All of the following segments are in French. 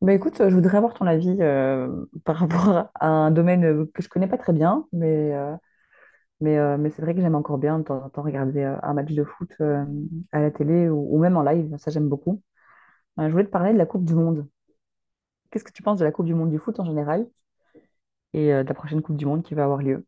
Bah écoute, je voudrais avoir ton avis par rapport à un domaine que je connais pas très bien, mais c'est vrai que j'aime encore bien de temps en temps regarder un match de foot à la télé ou même en live, ça j'aime beaucoup. Je voulais te parler de la Coupe du Monde. Qu'est-ce que tu penses de la Coupe du Monde du foot en général et de la prochaine Coupe du Monde qui va avoir lieu?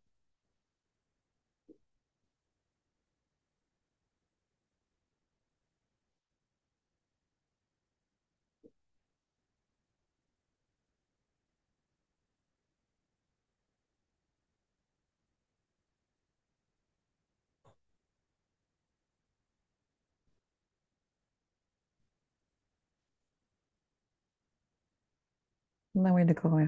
Ah oui, d'accord, ouais.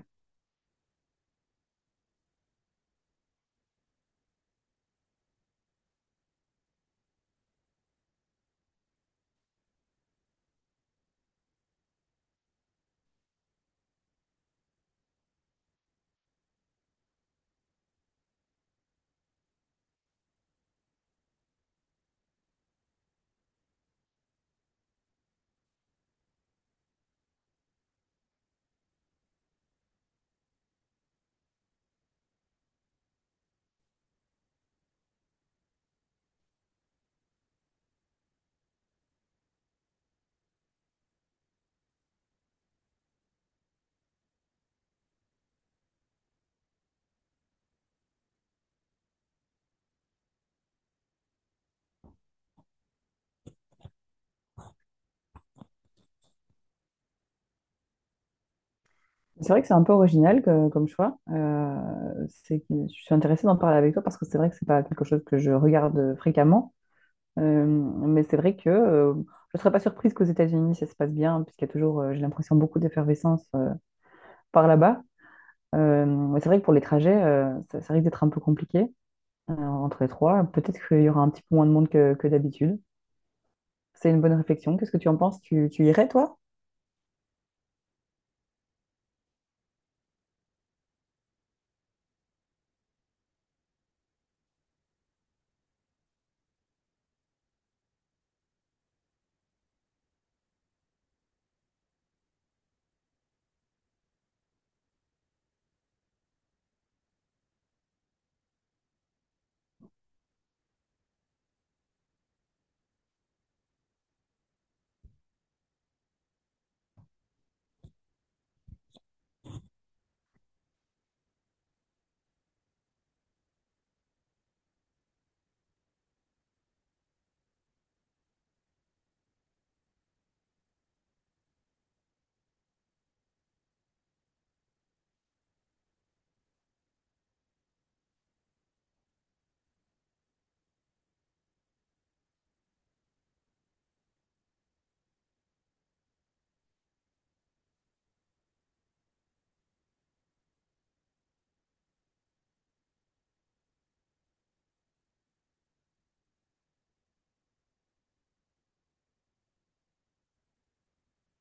C'est vrai que c'est un peu original comme choix. Je suis intéressée d'en parler avec toi parce que c'est vrai que c'est pas quelque chose que je regarde fréquemment. Mais c'est vrai que je ne serais pas surprise qu'aux États-Unis ça se passe bien, hein, puisqu'il y a toujours, j'ai l'impression, beaucoup d'effervescence par là-bas. Mais c'est vrai que pour les trajets, ça risque d'être un peu compliqué entre les trois. Peut-être qu'il y aura un petit peu moins de monde que d'habitude. C'est une bonne réflexion. Qu'est-ce que tu en penses? Tu irais, toi?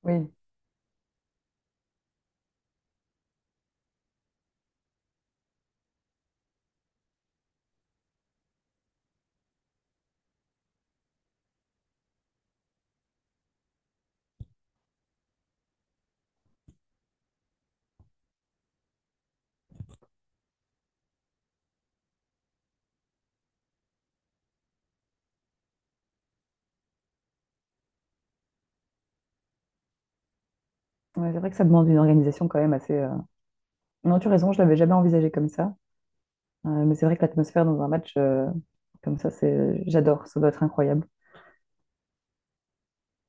Oui, ouais, c'est vrai que ça demande une organisation quand même assez, non, tu as raison, je l'avais jamais envisagé comme ça. Mais c'est vrai que l'atmosphère dans un match comme ça, j'adore, ça doit être incroyable.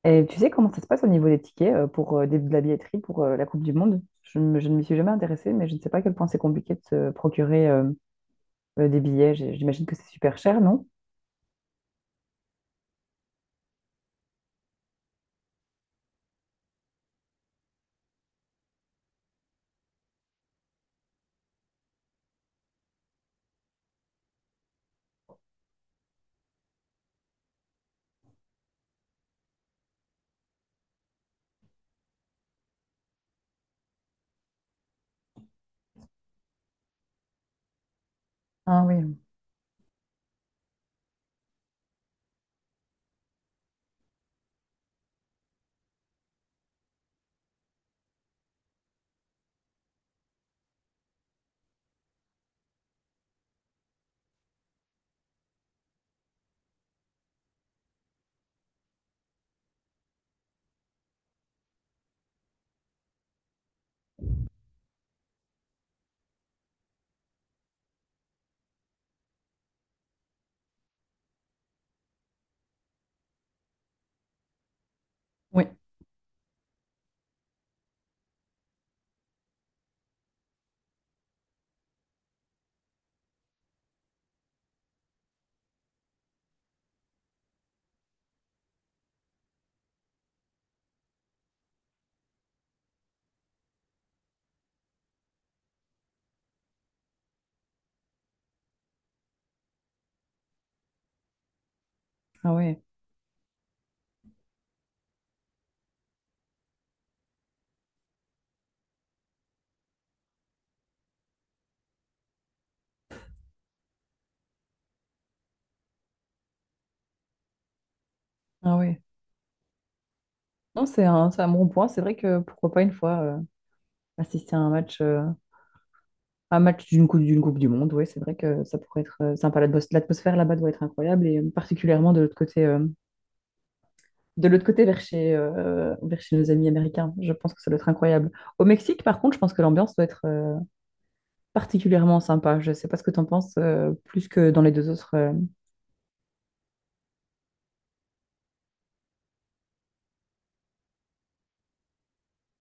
Et tu sais comment ça se passe au niveau des tickets pour de la billetterie pour la Coupe du Monde? Je ne m'y suis jamais intéressée, mais je ne sais pas à quel point c'est compliqué de se procurer des billets. J'imagine que c'est super cher, non? Ah oui, oui, ah oui, ah oui. Non, c'est un bon point. C'est vrai que pourquoi pas une fois assister à un match, d'une Coupe du Monde. Oui, c'est vrai que ça pourrait être sympa. L'atmosphère là-bas doit être incroyable et particulièrement de l'autre côté, vers vers chez nos amis américains. Je pense que ça doit être incroyable. Au Mexique, par contre, je pense que l'ambiance doit être particulièrement sympa. Je ne sais pas ce que tu en penses, plus que dans les deux autres.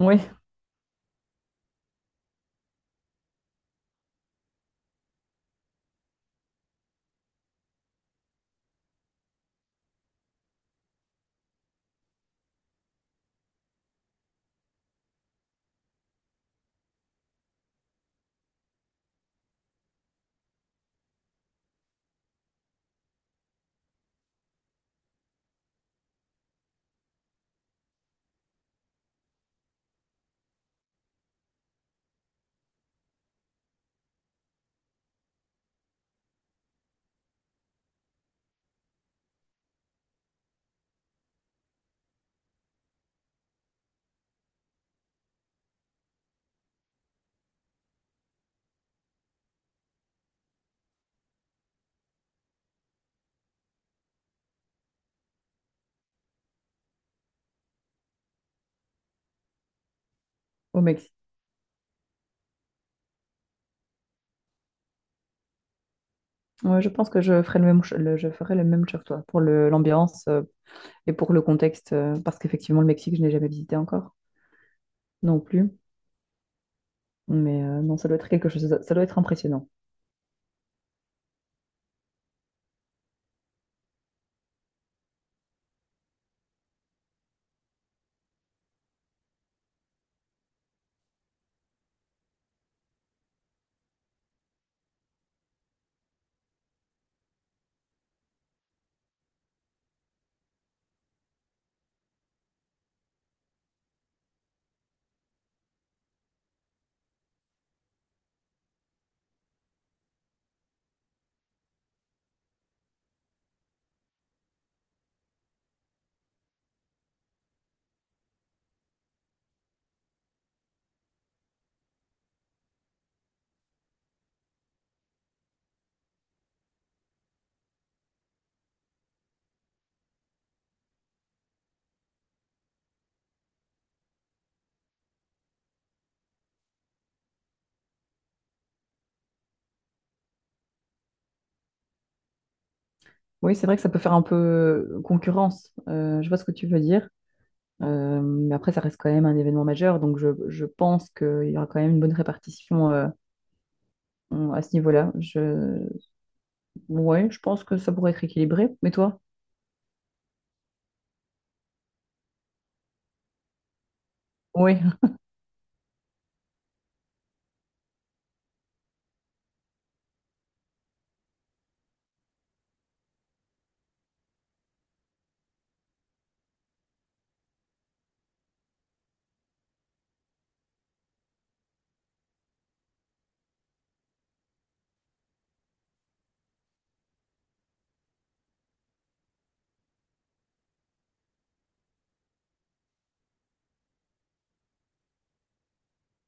Oui, au Mexique. Ouais, je pense que je ferai le même, cho- le- je ferai le même choix que toi pour l'ambiance et pour le contexte, parce qu'effectivement, le Mexique, je n'ai jamais visité encore non plus. Mais non, ça doit être quelque chose, ça doit être impressionnant. Oui, c'est vrai que ça peut faire un peu concurrence. Je vois ce que tu veux dire. Mais après, ça reste quand même un événement majeur, donc je pense qu'il y aura quand même une bonne répartition à ce niveau-là. Je... Ouais, je pense que ça pourrait être équilibré. Mais toi? Oui,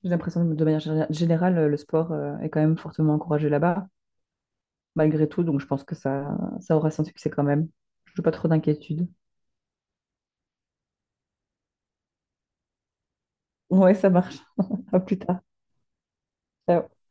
j'ai l'impression que de manière générale, le sport est quand même fortement encouragé là-bas, malgré tout, donc je pense que ça aura son succès quand même. Je n'ai pas trop d'inquiétude. Ouais, ça marche. À plus tard. Ciao.